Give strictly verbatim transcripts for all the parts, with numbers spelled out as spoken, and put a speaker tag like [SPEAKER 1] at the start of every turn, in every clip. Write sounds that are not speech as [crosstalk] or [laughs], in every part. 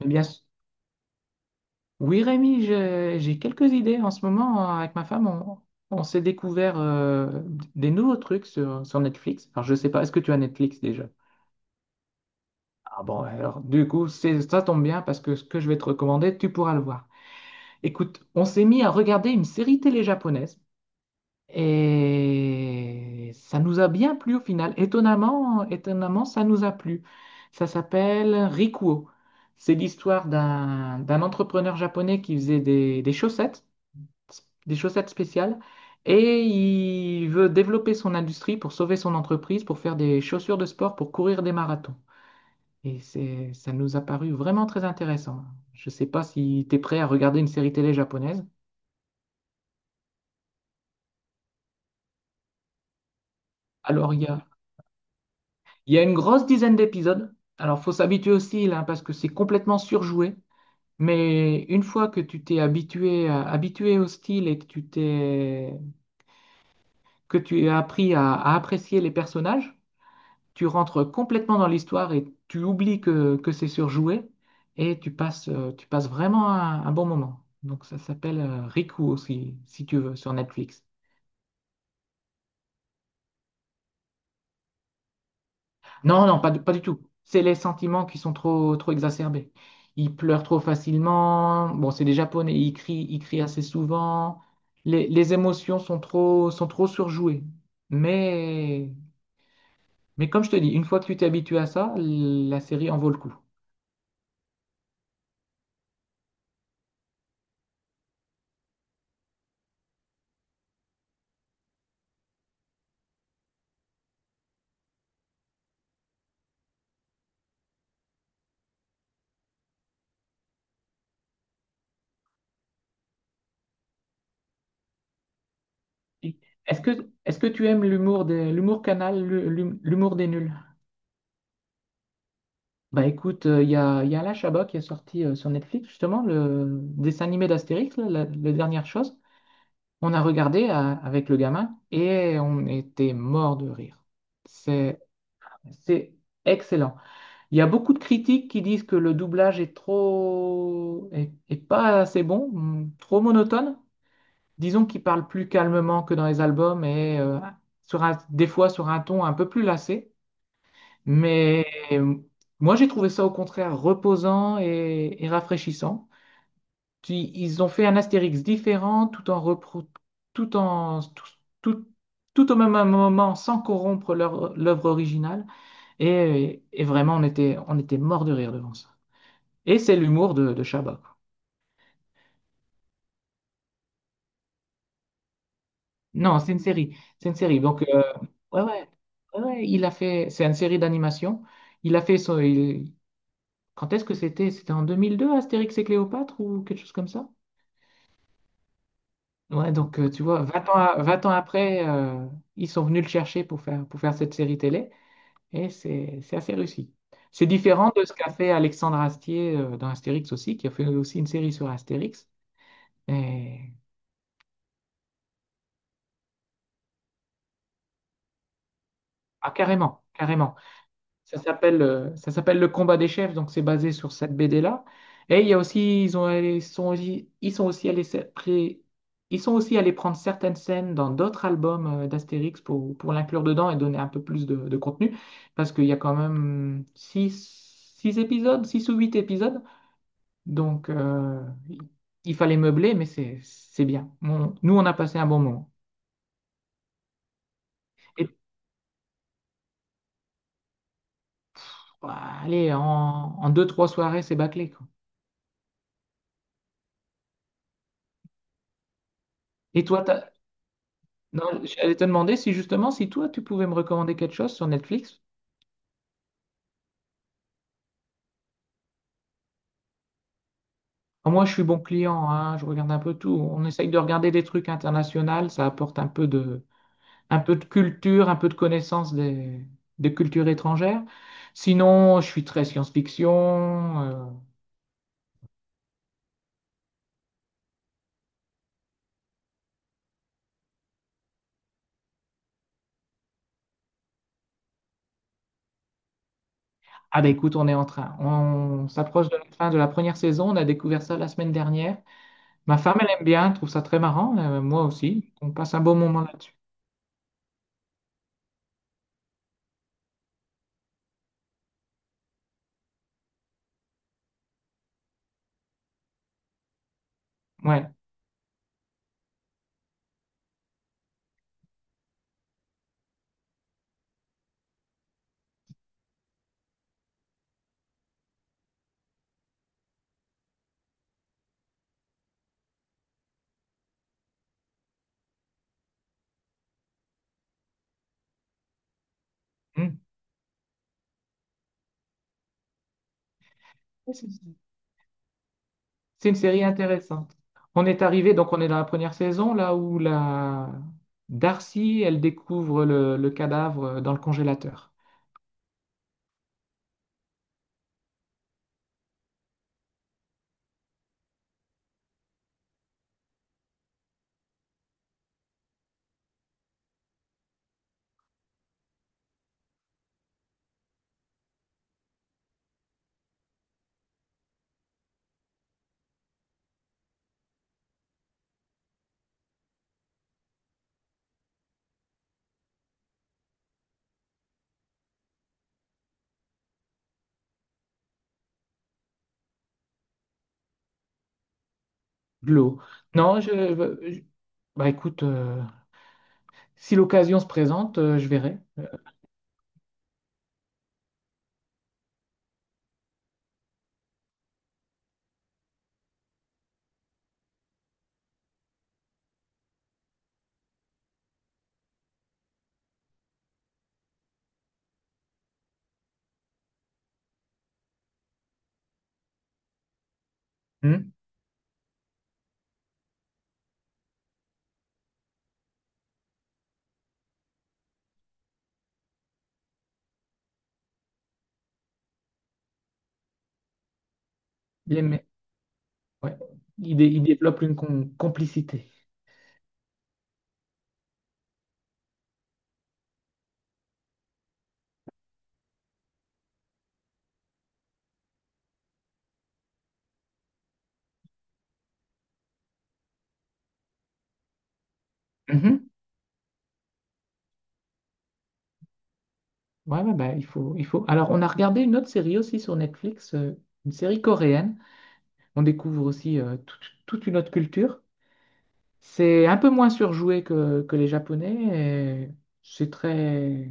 [SPEAKER 1] Eh Bien, s- oui, Rémi, je- j'ai quelques idées. En ce moment, avec ma femme, on, on s'est découvert euh, d- des nouveaux trucs sur, sur Netflix. Alors, je sais pas, est-ce que tu as Netflix déjà? Ah bon, alors, du coup, c'est, ça tombe bien parce que ce que je vais te recommander, tu pourras le voir. Écoute, on s'est mis à regarder une série télé japonaise et ça nous a bien plu au final. Étonnamment, étonnamment, ça nous a plu. Ça s'appelle Rikuo. C'est l'histoire d'un d'un entrepreneur japonais qui faisait des des chaussettes des chaussettes spéciales et il veut développer son industrie pour sauver son entreprise, pour faire des chaussures de sport, pour courir des marathons. Et c'est, ça nous a paru vraiment très intéressant. Je ne sais pas si tu es prêt à regarder une série télé japonaise. Alors, il y a, il y a une grosse dizaine d'épisodes. Alors, faut s'habituer aussi là, parce que c'est complètement surjoué. Mais une fois que tu t'es habitué, à- habitué au style et que tu t'es, que tu as appris à à apprécier les personnages, tu rentres complètement dans l'histoire et tu oublies que, que c'est surjoué et tu passes, euh, tu passes vraiment un, un bon moment. Donc ça s'appelle euh, Riku aussi, si tu veux, sur Netflix. Non, non, pas du, pas du tout. C'est les sentiments qui sont trop, trop exacerbés. Ils pleurent trop facilement. Bon, c'est des Japonais, ils crient, ils crient assez souvent. Les, les émotions sont trop, sont trop surjouées. Mais, mais comme je te dis, une fois que tu t'es habitué à ça, la série en vaut le coup. Est-ce que, est-ce que tu aimes l'humour des, l'humour Canal, l'hu- l'humour des Nuls? Bah écoute, euh, il y a, il y a Alain Chabat qui est sorti euh, sur Netflix, justement, le dessin animé d'Astérix, là, la, la dernière chose. On a regardé à- avec le gamin et on était mort de rire. C'est, c'est excellent. Il y a beaucoup de critiques qui disent que le doublage est trop, est, est pas assez bon, hum, trop monotone. Disons qu'il parle plus calmement que dans les albums et euh, sur un- des fois sur un ton un peu plus lassé. Mais euh, moi, j'ai trouvé ça au contraire reposant et, et rafraîchissant. Puis, ils ont fait un Astérix différent tout en repro- tout en tout, tout- tout au même moment sans corrompre leur- l'œuvre originale. Et, et vraiment, on était, on était mort de rire devant ça. Et c'est l'humour de, de Chabat, quoi. Non, c'est une série. C'est une série. Donc, ouais, ouais, ouais, ouais, il a fait, c'est une série d'animation. Il a fait son, il- Quand est-ce que c'était? C'était en deux mille deux Astérix et Cléopâtre ou quelque chose comme ça? Ouais, donc euh, tu vois, vingt ans, à- vingt ans après, euh, ils sont venus le chercher pour faire, pour faire cette série télé et c'est, c'est assez réussi. C'est différent de ce qu'a fait Alexandre Astier euh, dans Astérix aussi, qui a fait aussi une série sur Astérix. Et... Ah, carrément, carrément. Ça s'appelle euh, ça s'appelle Le Combat des Chefs, donc c'est basé sur cette B D-là. Et il y a aussi, ils ont, ils sont, aussi- ils sont aussi allés, se- pré- ils sont aussi allés prendre certaines scènes dans d'autres albums euh, d'Astérix pour, pour l'inclure dedans et donner un peu plus de, de contenu, parce qu'il y a quand même six, six épisodes, six ou huit épisodes. Donc, euh, il il fallait meubler, mais c'est c'est bien. On- nous, on a passé un bon moment. Et bah, allez, en, en deux, trois soirées, c'est bâclé, quoi. Et toi. Non, j'allais te demander si justement, si toi, tu pouvais me recommander quelque chose sur Netflix. Alors, moi, je suis bon client, hein, je regarde un peu tout. On essaye de regarder des trucs internationaux, ça apporte un peu de, un peu de culture, un peu de connaissance des, des cultures étrangères. Sinon, je suis très science-fiction. euh. Ah bah écoute, on est en train, on s'approche de la fin de la première saison, on a découvert ça la semaine dernière. Ma femme, elle aime bien, elle trouve ça très marrant, euh, moi aussi. On passe un beau moment là-dessus. Ouais. Hmm. C'est une série intéressante. On est arrivé, donc on est dans la première saison, là où la Darcy, elle découvre le, le cadavre dans le congélateur. De l'eau. Non, je, je- bah écoute, euh, si l'occasion se présente, euh, je verrai. Hmm. Bien, mais ouais, il, dé- il développe une com- complicité. Mhm. Ouais, ouais, bah, il faut, il faut. Alors, on a regardé une autre série aussi sur Netflix, euh, une série coréenne. On découvre aussi euh, toute toute une autre culture. C'est un peu moins surjoué que, que les Japonais et C'est très,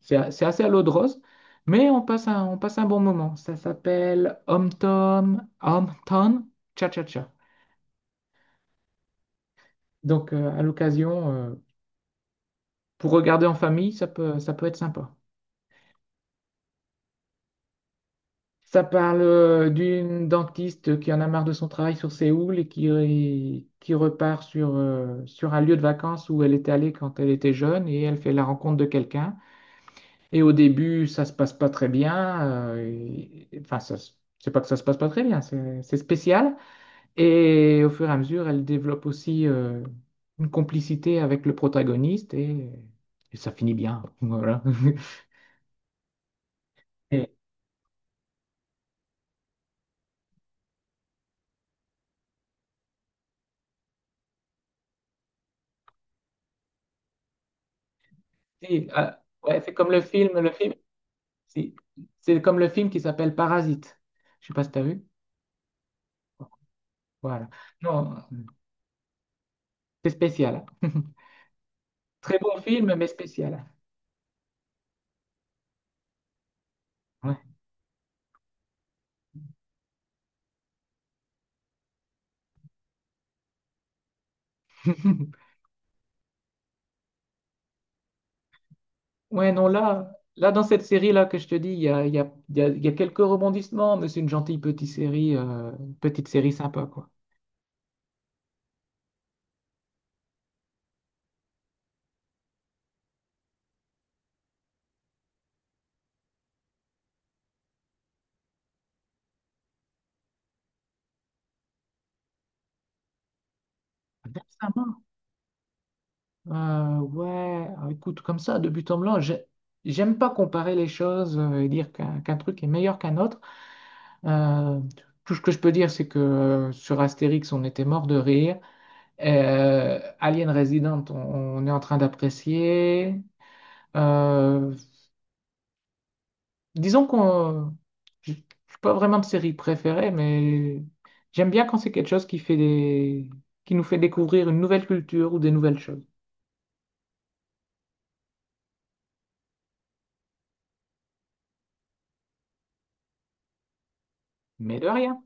[SPEAKER 1] c'est a- c'est assez à l'eau de rose, mais on passe un, on passe un bon moment. Ça s'appelle Hometown, Hometown Cha-Cha-Cha. Donc, euh, à l'occasion, euh, pour regarder en famille, ça peut, ça peut être sympa. Ça parle euh, d'une dentiste qui en a marre de son travail sur Séoul et qui, qui repart sur, euh, sur un lieu de vacances où elle était allée quand elle était jeune et elle fait la rencontre de quelqu'un. Et au début, ça se passe pas très bien. Euh, et- et- enfin, ça, se- c'est pas que ça se passe pas très bien, c'est c'est spécial. Et au fur et à mesure, elle développe aussi euh, une complicité avec le protagoniste et, et ça finit bien. [laughs] Voilà. Et, et, euh, ouais, c'est comme le film, le film, si, c'est comme le film qui s'appelle Parasite. Je sais pas si t'as vu. Voilà. Non, c'est spécial. [laughs] Très bon film, mais spécial. Ouais. [laughs] Ouais, non, là, là dans cette série-là que je te dis, il y a, il y a, il y a- il y a quelques rebondissements, mais c'est une gentille petite série, euh, petite série sympa, quoi. Récemment, euh, ouais, ah, écoute, comme ça, de but en blanc, j'ai- j'aime pas comparer les choses euh, et dire qu'un qu'un truc est meilleur qu'un autre. Euh, tout ce que je peux dire, c'est que euh, sur Astérix, on était mort de rire. Euh, Alien Resident, on, on est en train d'apprécier. Euh, disons qu'on, je je suis pas vraiment de série préférée, mais j'aime bien quand c'est quelque chose qui fait des, qui nous fait découvrir une nouvelle culture ou des nouvelles choses. Mais de rien.